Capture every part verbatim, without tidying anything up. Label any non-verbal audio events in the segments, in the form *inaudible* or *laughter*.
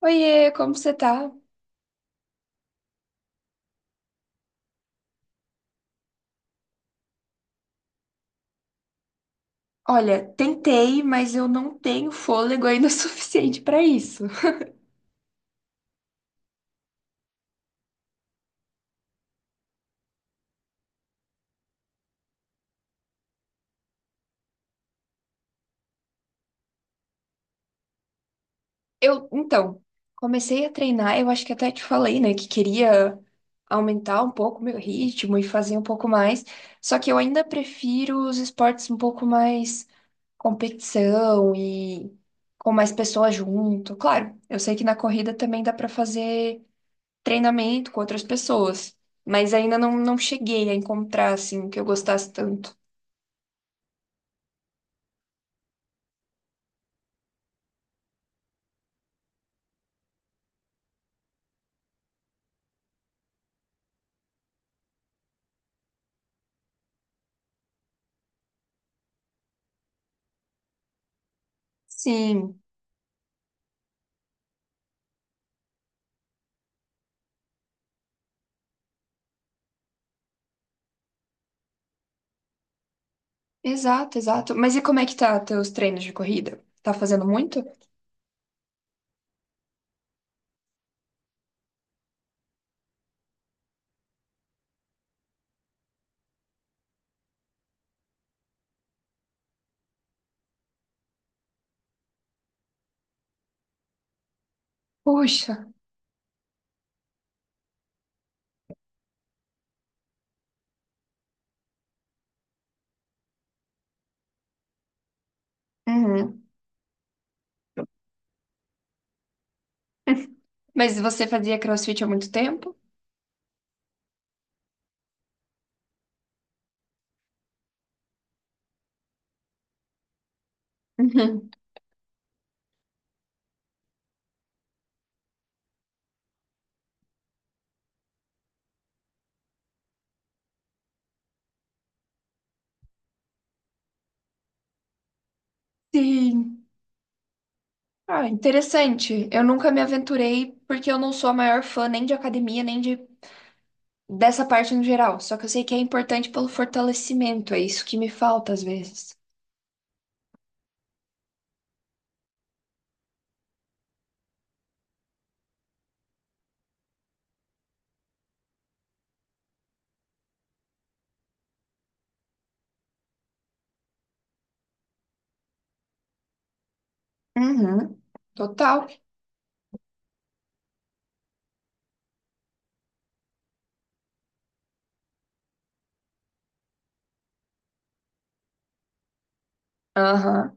Oiê, como você tá? Olha, tentei, mas eu não tenho fôlego ainda *laughs* suficiente pra isso. Eu, então, comecei a treinar, eu acho que até te falei, né, que queria aumentar um pouco o meu ritmo e fazer um pouco mais, só que eu ainda prefiro os esportes um pouco mais competição e com mais pessoas junto. Claro, eu sei que na corrida também dá pra fazer treinamento com outras pessoas, mas ainda não, não cheguei a encontrar, assim, o que eu gostasse tanto. Sim, exato, exato. Mas e como é que tá teus treinos de corrida? Tá fazendo muito? Puxa. Uhum. *laughs* Mas você fazia CrossFit há muito tempo? Uhum. Sim. Ah, interessante. Eu nunca me aventurei porque eu não sou a maior fã nem de academia, nem de dessa parte no geral. Só que eu sei que é importante pelo fortalecimento, é isso que me falta às vezes. Uhum. Total. Aham.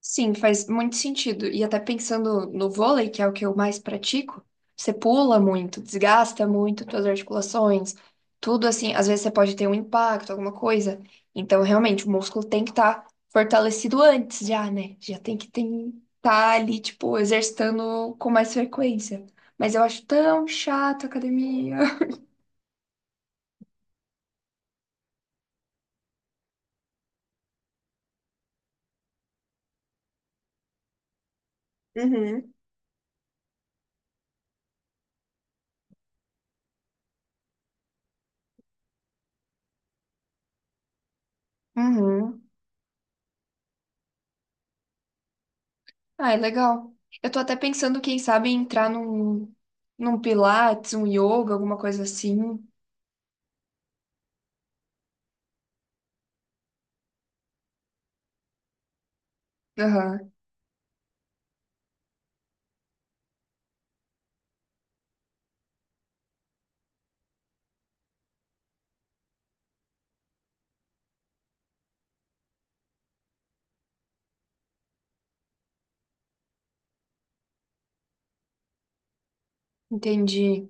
Sim, faz muito sentido. E até pensando no vôlei, que é o que eu mais pratico, você pula muito, desgasta muito suas articulações, tudo assim. Às vezes você pode ter um impacto, alguma coisa. Então, realmente, o músculo tem que estar fortalecido antes já, né? Já tem que estar ali, tipo, exercitando com mais frequência. Mas eu acho tão chato a academia. *laughs* Uhum. Uhum. Ah, é legal. Eu tô até pensando, quem sabe, em entrar num, num pilates, um yoga, alguma coisa assim. Aham, entendi.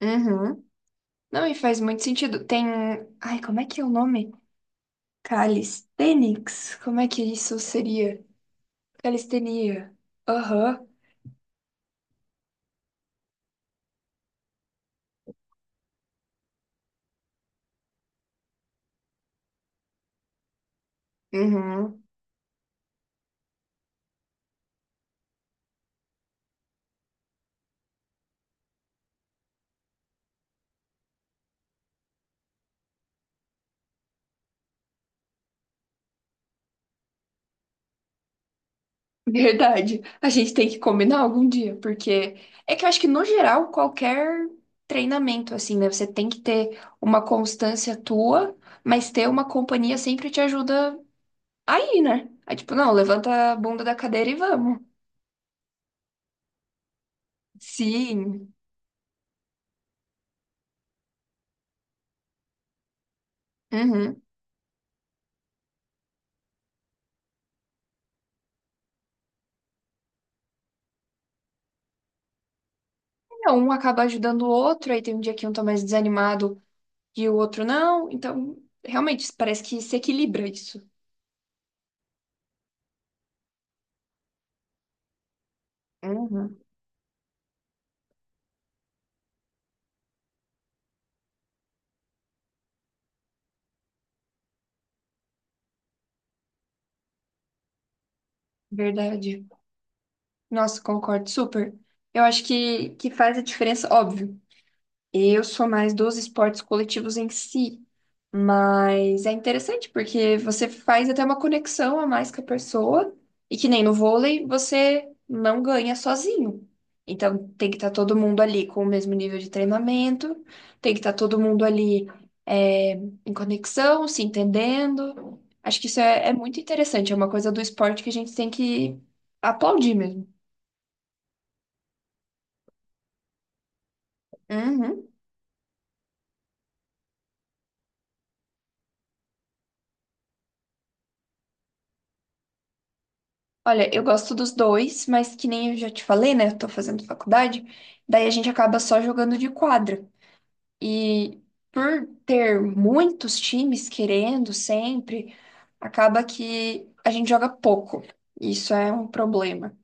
Uhum. Não, e faz muito sentido. Tem. Ai, como é que é o nome? Calisthenics? Como é que isso seria? Calistenia. Aham. Uhum. Verdade. A gente tem que combinar algum dia, porque é que eu acho que no geral qualquer treinamento assim, né? Você tem que ter uma constância tua, mas ter uma companhia sempre te ajuda aí, né? É tipo, não, levanta a bunda da cadeira e vamos. Sim. Uhum. É, um acaba ajudando o outro, aí tem um dia que um tá mais desanimado e o outro não. Então, realmente, parece que se equilibra isso. Uhum. Verdade. Nossa, concordo super. Eu acho que, que faz a diferença, óbvio. Eu sou mais dos esportes coletivos em si, mas é interessante porque você faz até uma conexão a mais com a pessoa e que nem no vôlei você não ganha sozinho. Então tem que estar todo mundo ali com o mesmo nível de treinamento, tem que estar todo mundo ali é, em conexão, se entendendo. Acho que isso é, é muito interessante, é uma coisa do esporte que a gente tem que aplaudir mesmo. Uhum. Olha, eu gosto dos dois, mas que nem eu já te falei, né? Eu tô fazendo faculdade, daí a gente acaba só jogando de quadra. E por ter muitos times querendo sempre, acaba que a gente joga pouco. Isso é um problema.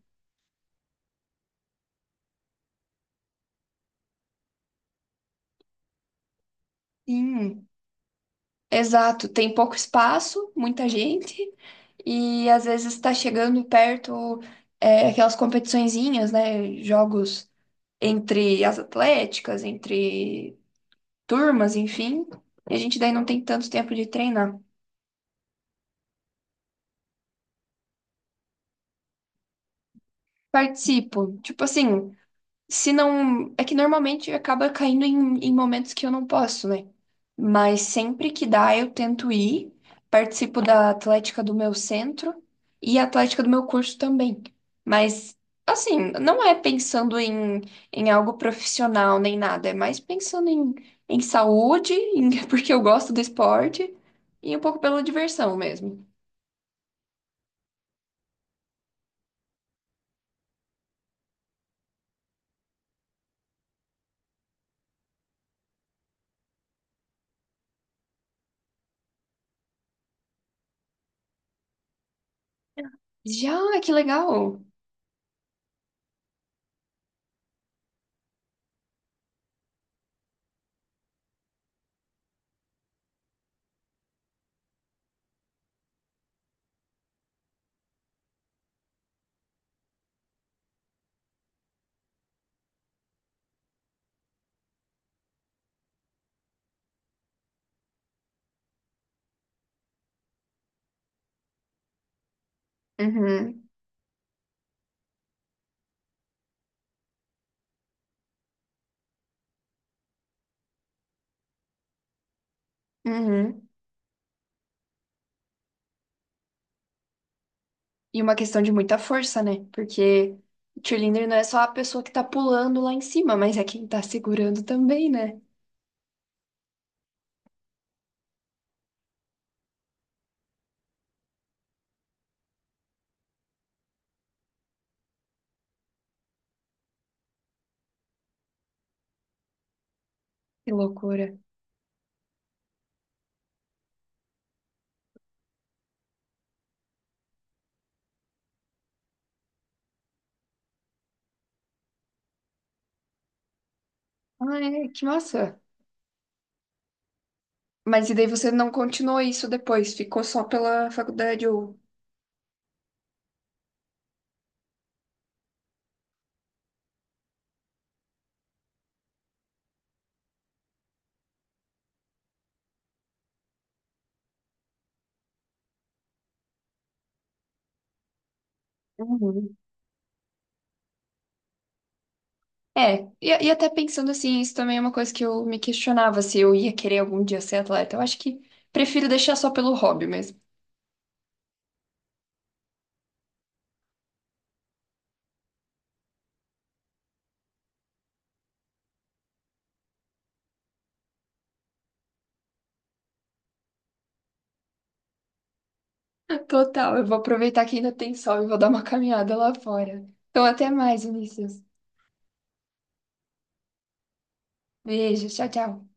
Sim, exato, tem pouco espaço, muita gente, e às vezes está chegando perto é, aquelas competiçõezinhas, né? Jogos entre as atléticas, entre turmas, enfim, e a gente daí não tem tanto tempo de treinar. Participo, tipo assim, se não. É que normalmente acaba caindo em, em momentos que eu não posso, né? Mas sempre que dá, eu tento ir, participo da atlética do meu centro e a atlética do meu curso também. Mas, assim, não é pensando em, em algo profissional nem nada, é mais pensando em, em saúde, em- *laughs* porque eu gosto do esporte e um pouco pela diversão mesmo. Já, que legal. Uhum, uhum. E uma questão de muita força, né? Porque cheerleader não é só a pessoa que tá pulando lá em cima, mas é quem tá segurando também, né? Que loucura. Ah, é, que massa. Mas e daí você não continuou isso depois? Ficou só pela faculdade ou... Uhum. É, e, e até pensando assim, isso também é uma coisa que eu me questionava se eu ia querer algum dia ser atleta. Eu acho que prefiro deixar só pelo hobby mesmo. Total, eu vou aproveitar que ainda tem sol e vou dar uma caminhada lá fora. Então, até mais, Vinícius. Beijo, tchau, tchau.